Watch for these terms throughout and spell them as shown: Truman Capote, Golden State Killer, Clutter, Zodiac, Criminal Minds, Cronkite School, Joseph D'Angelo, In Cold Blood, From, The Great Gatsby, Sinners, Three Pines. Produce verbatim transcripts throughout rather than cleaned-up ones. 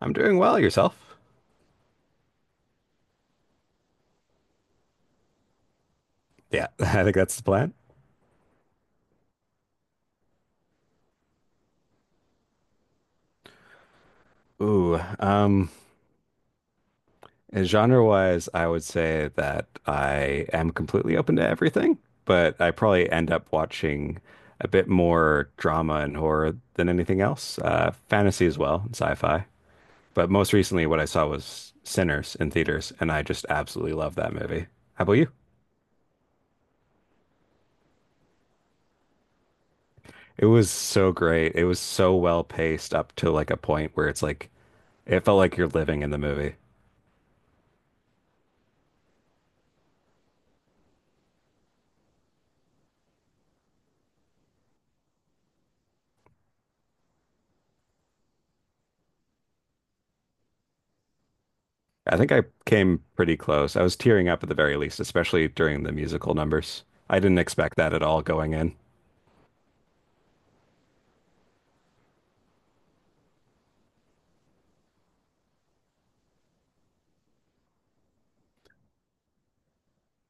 I'm doing well, yourself? Yeah, I think that's the plan. Ooh, um, genre-wise, I would say that I am completely open to everything, but I probably end up watching a bit more drama and horror than anything else. Uh, fantasy as well, and sci-fi. But most recently, what I saw was Sinners in theaters, and I just absolutely love that movie. How about you? It was so great. It was so well paced up to like a point where it's like it felt like you're living in the movie. I think I came pretty close. I was tearing up at the very least, especially during the musical numbers. I didn't expect that at all going in.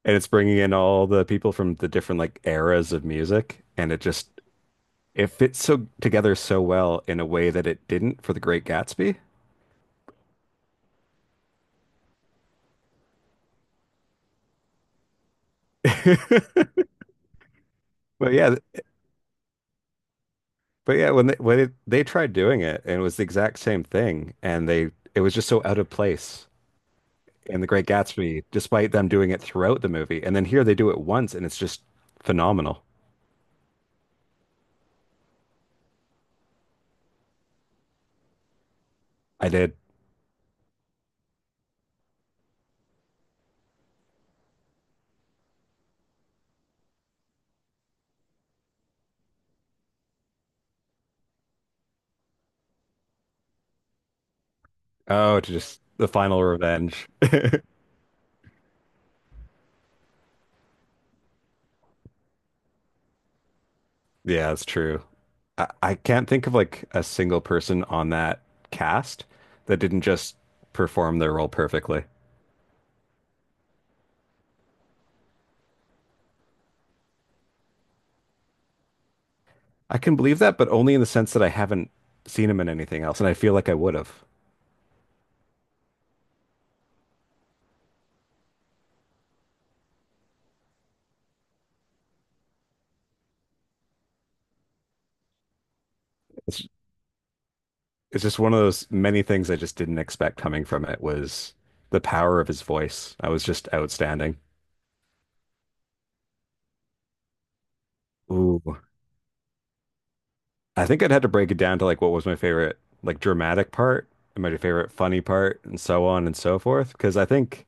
And it's bringing in all the people from the different like eras of music, and it just it fits so together so well in a way that it didn't for The Great Gatsby. But yeah, th- but yeah, when they when it, they tried doing it, and it was the exact same thing, and they it was just so out of place in The Great Gatsby, despite them doing it throughout the movie. And then here they do it once, and it's just phenomenal. I did. Oh, to just the final revenge. Yeah, that's true. I, I can't think of like a single person on that cast that didn't just perform their role perfectly. I can believe that, but only in the sense that I haven't seen him in anything else, and I feel like I would have. It's it's just one of those many things I just didn't expect coming from it was the power of his voice. I was just outstanding. Ooh. I think I'd had to break it down to like what was my favorite like dramatic part and my favorite funny part and so on and so forth. Because I think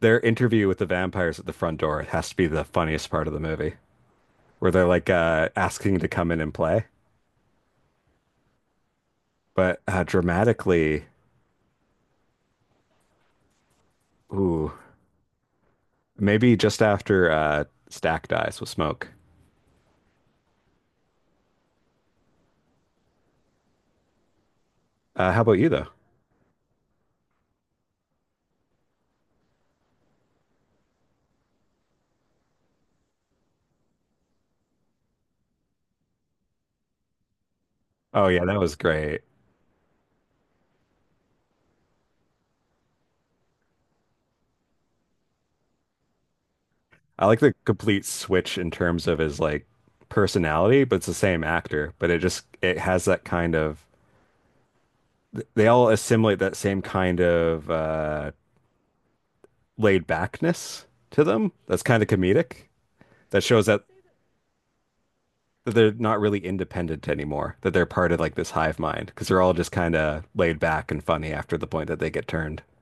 their interview with the vampires at the front door has to be the funniest part of the movie, where they're like uh, asking to come in and play. But uh, dramatically, ooh, maybe just after uh, Stack dies with Smoke. Uh, how about you though? Oh yeah, that was great. I like the complete switch in terms of his like personality, but it's the same actor. But it just it has that kind of they all assimilate that same kind of uh, laid backness to them. That's kind of comedic. That shows that that they're not really independent anymore, that they're part of like this hive mind because they're all just kind of laid back and funny after the point that they get turned.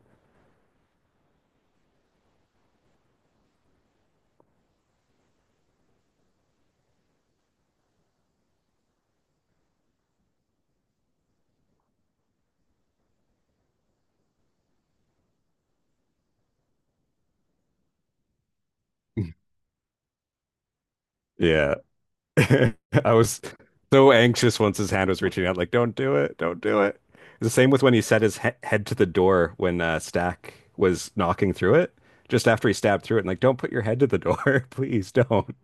Yeah. I was so anxious once his hand was reaching out, like, don't do it, don't do it. The same with when he set his he head to the door when uh, Stack was knocking through it, just after he stabbed through it, and like, don't put your head to the door, please don't.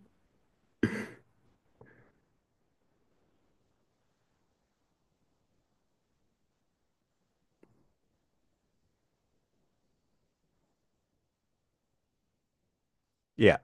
Yeah.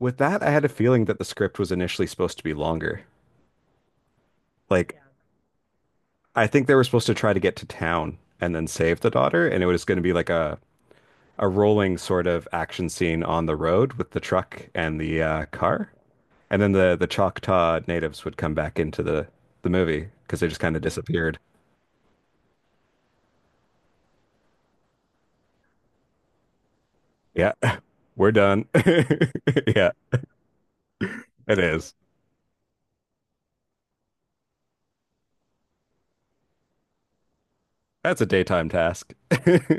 With that, I had a feeling that the script was initially supposed to be longer. Like, I think they were supposed to try to get to town and then save the daughter, and it was going to be like a a rolling sort of action scene on the road with the truck and the uh, car, and then the the Choctaw natives would come back into the the movie because they just kind of disappeared. Yeah, we're done. Yeah, it is. That's a daytime task.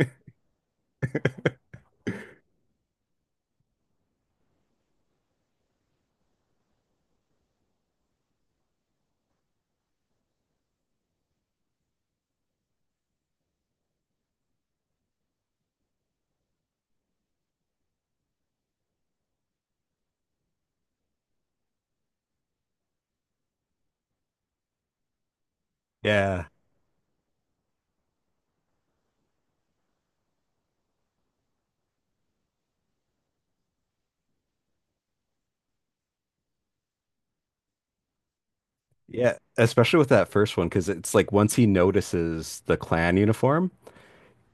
Yeah. Yeah, especially with that first one, because it's like once he notices the clan uniform,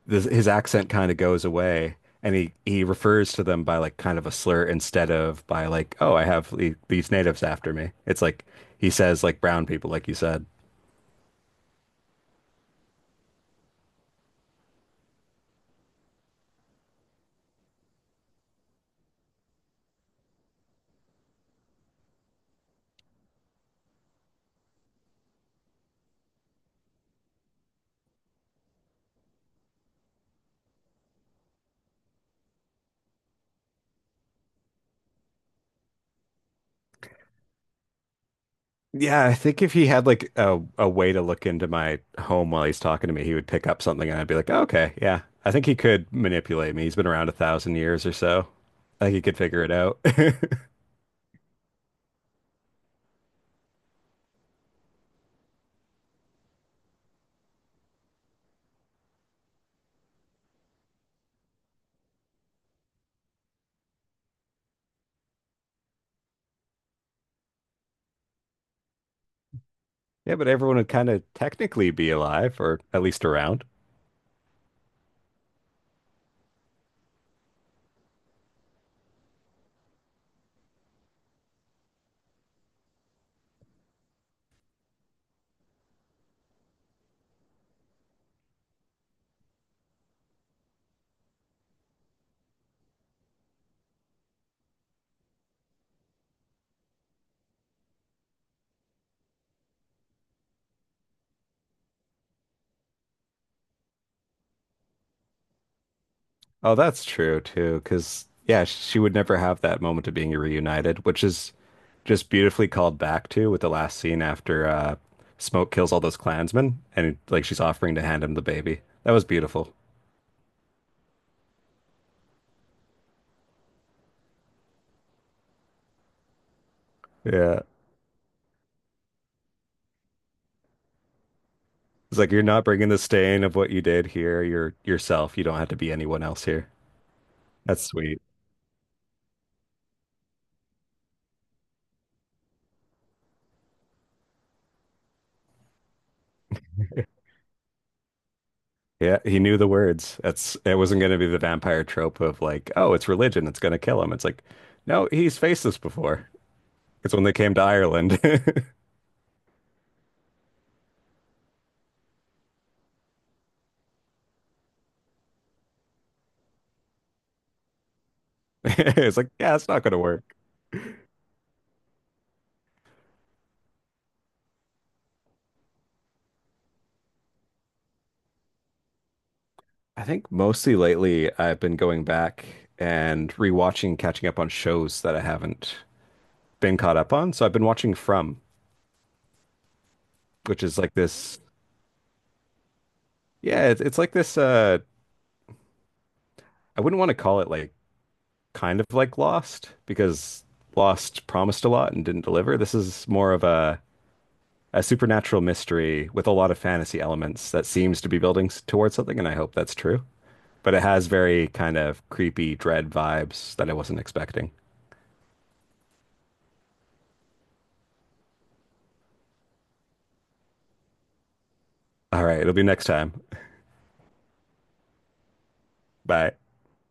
this, his accent kind of goes away and he, he refers to them by like kind of a slur instead of by like, oh, I have the- these natives after me. It's like he says like brown people, like you said. Yeah, I think if he had like a, a way to look into my home while he's talking to me, he would pick up something and I'd be like, oh, okay, yeah. I think he could manipulate me. He's been around a thousand years or so. I think he could figure it out. Yeah, but everyone would kind of technically be alive or at least around. Oh, that's true too, because yeah, she would never have that moment of being reunited, which is just beautifully called back to with the last scene after uh, Smoke kills all those Klansmen, and like she's offering to hand him the baby. That was beautiful. Yeah, it's like you're not bringing the stain of what you did here. You're yourself. You don't have to be anyone else here. That's sweet. Yeah, he knew the words. That's it wasn't going to be the vampire trope of like, oh, it's religion, it's going to kill him. It's like, no, he's faced this before. It's when they came to Ireland. It's like, yeah, it's not going to work. I think mostly lately I've been going back and rewatching, catching up on shows that I haven't been caught up on. So I've been watching From, which is like this, yeah, it's, it's like this, uh, I wouldn't want to call it like kind of like Lost because Lost promised a lot and didn't deliver. This is more of a, a supernatural mystery with a lot of fantasy elements that seems to be building s- towards something, and I hope that's true. But it has very kind of creepy dread vibes that I wasn't expecting. All right. It'll be next time. Bye.